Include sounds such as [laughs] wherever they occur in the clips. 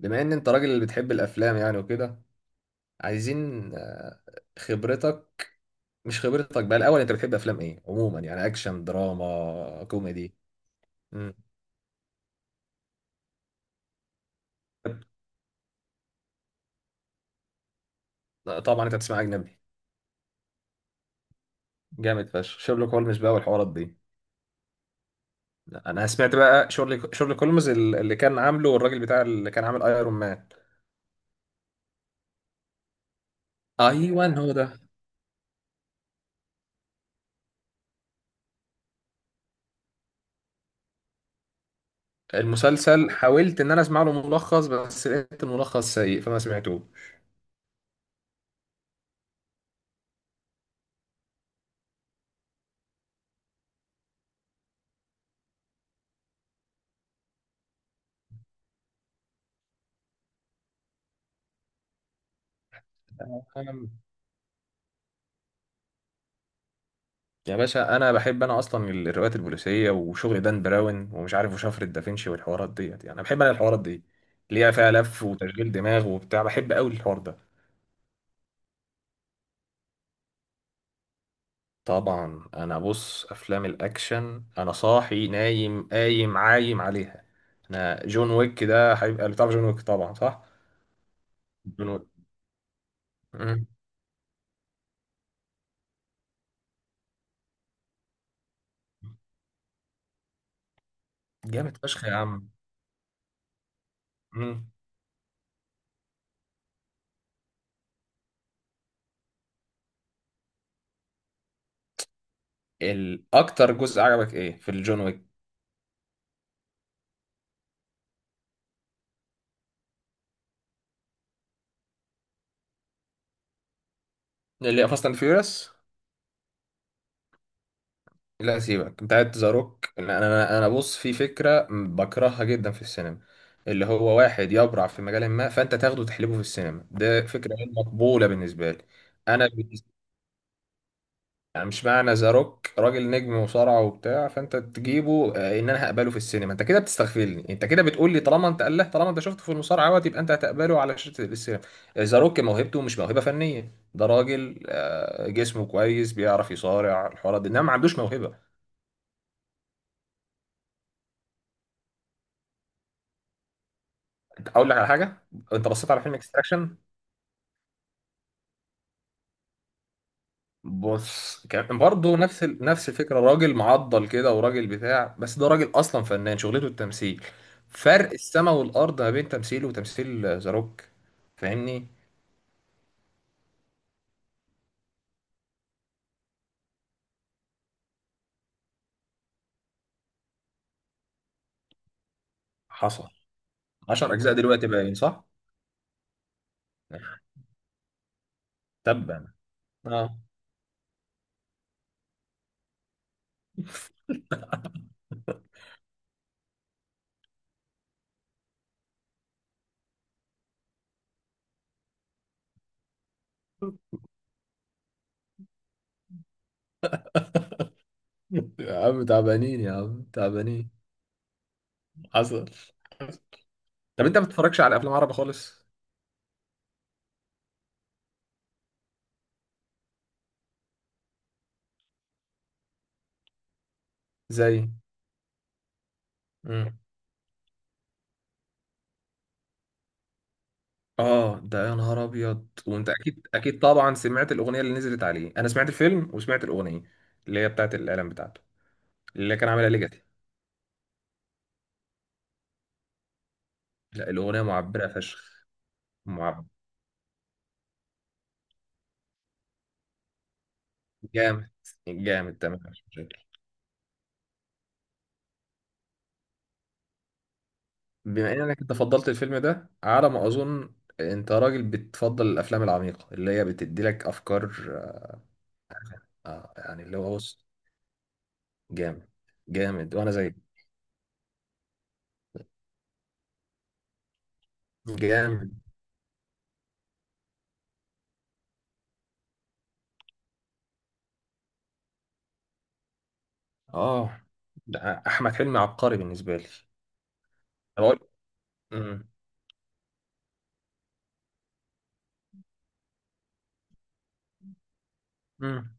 بما ان انت راجل اللي بتحب الافلام يعني وكده عايزين خبرتك. مش خبرتك بقى الاول، انت بتحب افلام ايه عموما؟ يعني اكشن، دراما، كوميدي؟ مم. طبعا انت بتسمع اجنبي. جامد فشخ شيرلوك هولمز بقى والحوارات دي. لا، انا سمعت بقى شيرلوك هولمز اللي كان عامله الراجل بتاع اللي كان عامل ايرون مان. ايوه هو ده. المسلسل حاولت ان انا اسمع له ملخص، بس لقيت الملخص سيء فما سمعتوش. يا باشا انا بحب انا اصلا الروايات البوليسيه وشغل دان براون ومش عارف وشفرة دافنشي والحوارات ديت، يعني أنا بحب انا الحوارات دي اللي هي فيها لف وتشغيل دماغ وبتاع، بحب قوي الحوار ده. طبعا انا بص، افلام الاكشن انا صاحي نايم قايم عايم عليها. انا جون ويك ده هيبقى بتاع جون ويك طبعا، صح؟ جون ويك. مم. جامد فشخ يا عم. مم. الاكتر جزء عجبك ايه في الجون ويك؟ اللي فاست اند فيوريوس. لا سيبك، بتاعت ذا روك انا بص، في فكره بكرهها جدا في السينما. اللي هو واحد يبرع في مجال ما، فانت تاخده وتحلبه في السينما، ده فكره غير مقبوله بالنسبه لي. انا بالنسبة- يعني مش معنى ذا روك راجل نجم وصارع وبتاع، فانت تجيبه ان انا هقبله في السينما. انت كده بتستغفلني، انت كده بتقول لي طالما انت قال له طالما انت شفته في المصارعه اهوت يبقى انت هتقبله على شاشه السينما. ذا روك موهبته مش موهبه فنيه، ده راجل جسمه كويس بيعرف يصارع الحوارات دي، انما ما عندوش موهبه. اقول لك على حاجه، انت بصيت على فيلم اكستراكشن؟ بص، كان برضه نفس الفكره، راجل معضل كده وراجل بتاع، بس ده راجل اصلا فنان شغلته التمثيل. فرق السما والارض ما بين تمثيله وتمثيل ذا روك. فاهمني. حصل. 10 اجزاء دلوقتي باين، صح؟ تبا. اه. [laughs] يا عم تعبانين، يا عم تعبانين. حصل. طب انت ما بتتفرجش على افلام عربي خالص؟ زي. مم. اه ده يا نهار ابيض، وانت اكيد اكيد طبعا سمعت الاغنيه اللي نزلت عليه. انا سمعت الفيلم وسمعت الاغنيه اللي هي بتاعت الاعلان بتاعته، اللي كان عاملها ليجاتي. لا الاغنيه معبره فشخ. معبر. جامد. جامد تمام مش مشاكل. بما انك انت فضلت الفيلم ده على ما اظن، انت راجل بتفضل الافلام العميقه اللي هي بتدي لك افكار. آه يعني اللي هو بص. جامد. جامد وانا زي. جامد. اه ده. احمد حلمي عبقري بالنسبه لي. أنا بقول. امم.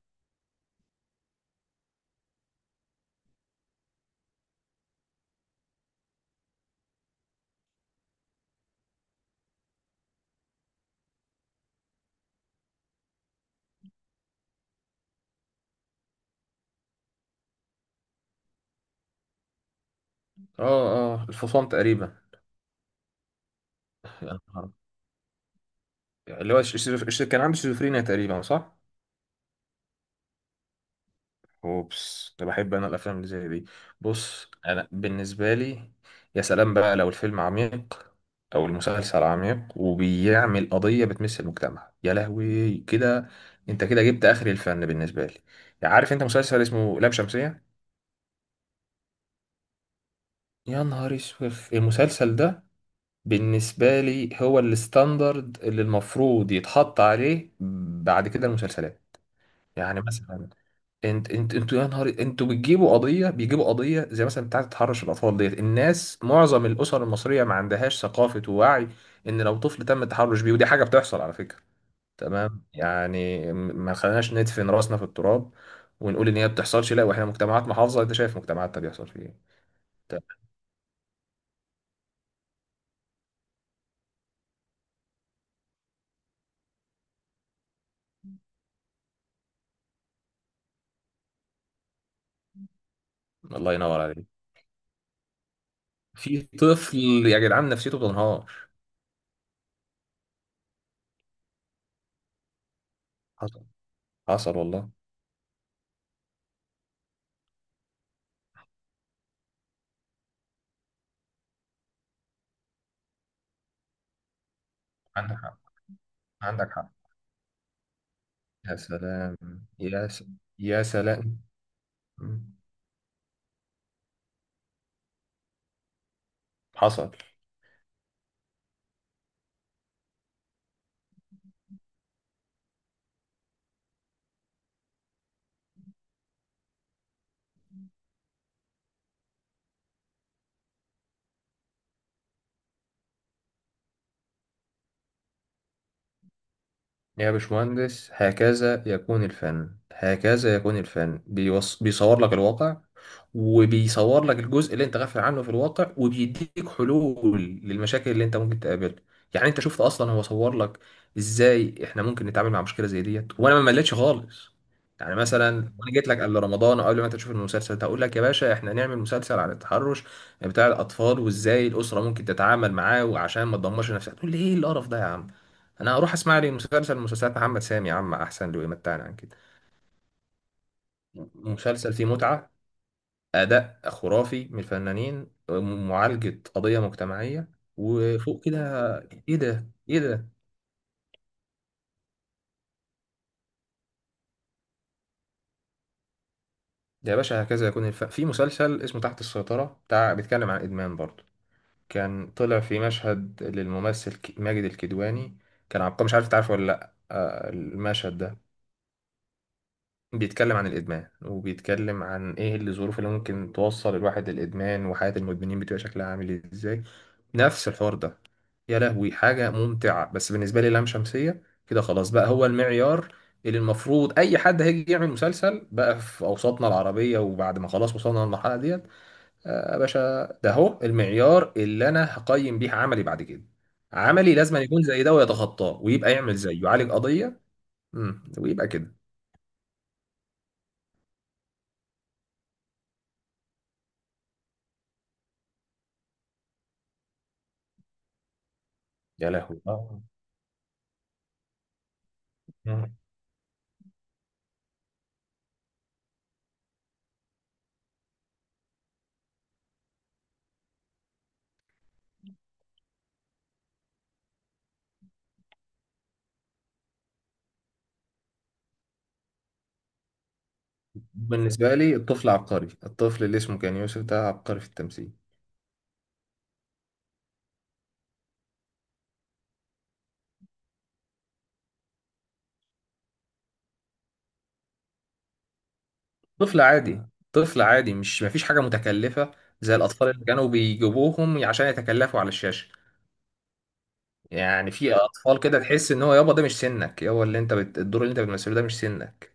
اه اه الفصام تقريبا. يا نهار أبيض. اللي هو كان عنده شيزوفرينيا تقريبا، صح؟ اوبس، ده بحب انا الافلام اللي زي دي. بص انا بالنسبه لي، يا سلام بقى لو الفيلم عميق او المسلسل عميق وبيعمل قضيه بتمس المجتمع، يا لهوي كده انت كده جبت اخر الفن بالنسبه لي. عارف انت مسلسل اسمه لام شمسيه؟ يا نهار اسود المسلسل ده. بالنسبه لي هو الستاندرد اللي المفروض يتحط عليه بعد كده المسلسلات. يعني مثلا، انت انتوا يا نهار، انتوا بتجيبوا قضيه، بيجيبوا قضيه زي مثلا بتاعه تحرش الاطفال ديت. الناس معظم الاسر المصريه ما عندهاش ثقافه ووعي ان لو طفل تم التحرش بيه، ودي حاجه بتحصل على فكره. تمام. يعني ما خليناش ندفن راسنا في التراب ونقول ان هي ما بتحصلش. لا، واحنا مجتمعات محافظه، انت شايف مجتمعاتنا بيحصل فيه ايه. تمام. الله ينور عليك. في طفل، يا جدعان نفسيته بتنهار. حصل. حصل والله. عندك حق. عندك حق. يا سلام. يا س... يا سلام. حصل. يا باشمهندس هكذا يكون الفن، هكذا يكون الفن، بيصور لك الواقع وبيصور لك الجزء اللي انت غافل عنه في الواقع، وبيديك حلول للمشاكل اللي انت ممكن تقابلها. يعني انت شفت اصلا هو صور لك ازاي احنا ممكن نتعامل مع مشكله زي ديت، وانا ما مليتش خالص. يعني مثلا انا جيت لك قبل رمضان او قبل ما انت تشوف المسلسل ده هقول لك يا باشا احنا نعمل مسلسل عن التحرش بتاع الاطفال، وازاي الاسره ممكن تتعامل معاه وعشان ما تدمرش نفسها، تقول لي ايه القرف ده يا عم، انا اروح اسمع لي مسلسلات محمد سامي يا عم احسن له، يمتعني عن كده. مسلسل فيه متعة، اداء خرافي من الفنانين، معالجة قضية مجتمعية، وفوق كده ايه ده ايه ده. ده يا باشا هكذا يكون في مسلسل اسمه تحت السيطرة بتاع، بيتكلم عن ادمان برضه. كان طلع في مشهد للممثل ماجد الكدواني، كان عبقري، مش عارف تعرفه ولا لا المشهد ده بيتكلم عن الإدمان، وبيتكلم عن إيه الظروف اللي ممكن توصل الواحد للإدمان، وحياة المدمنين بتبقى شكلها عامل إزاي، نفس الحوار ده. يا لهوي حاجة ممتعة. بس بالنسبة لي لام شمسية كده خلاص بقى هو المعيار اللي المفروض أي حد هيجي يعمل مسلسل بقى في أوساطنا العربية، وبعد ما خلاص وصلنا للمرحلة ديت، آه يا باشا ده هو المعيار اللي أنا هقيم بيه عملي بعد كده. عملي لازم يكون زي ده ويتخطاه، ويبقى يعمل زيه، يعالج قضية. ويبقى كده. يا لهوي. آه. بالنسبة لي الطفل عبقري، الطفل اللي اسمه كان يوسف ده عبقري في التمثيل. طفل عادي. طفل عادي، مش مفيش حاجة متكلفة زي الأطفال اللي كانوا بيجيبوهم عشان يتكلفوا على الشاشة. يعني في أطفال كده تحس إن هو يابا ده مش سنك، يابا اللي الدور اللي أنت بتمثله ده مش سنك.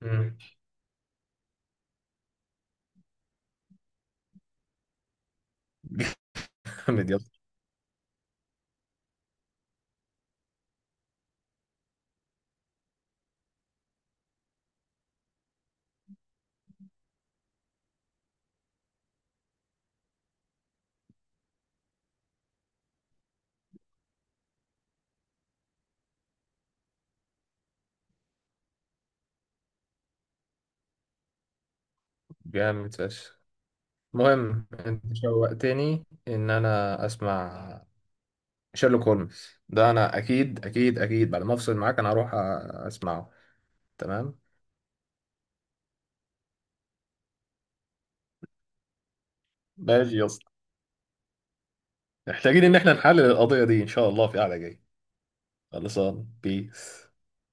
مم. جامد يابا. جامد فشخ. المهم أنت شوقتني إن أنا أسمع شيرلوك هولمز ده، أنا أكيد أكيد أكيد بعد ما أفصل معاك أنا هروح أسمعه. تمام. ماشي يا. محتاجين ان احنا نحلل القضية دي ان شاء الله في قعدة جاية. خلصان بيس.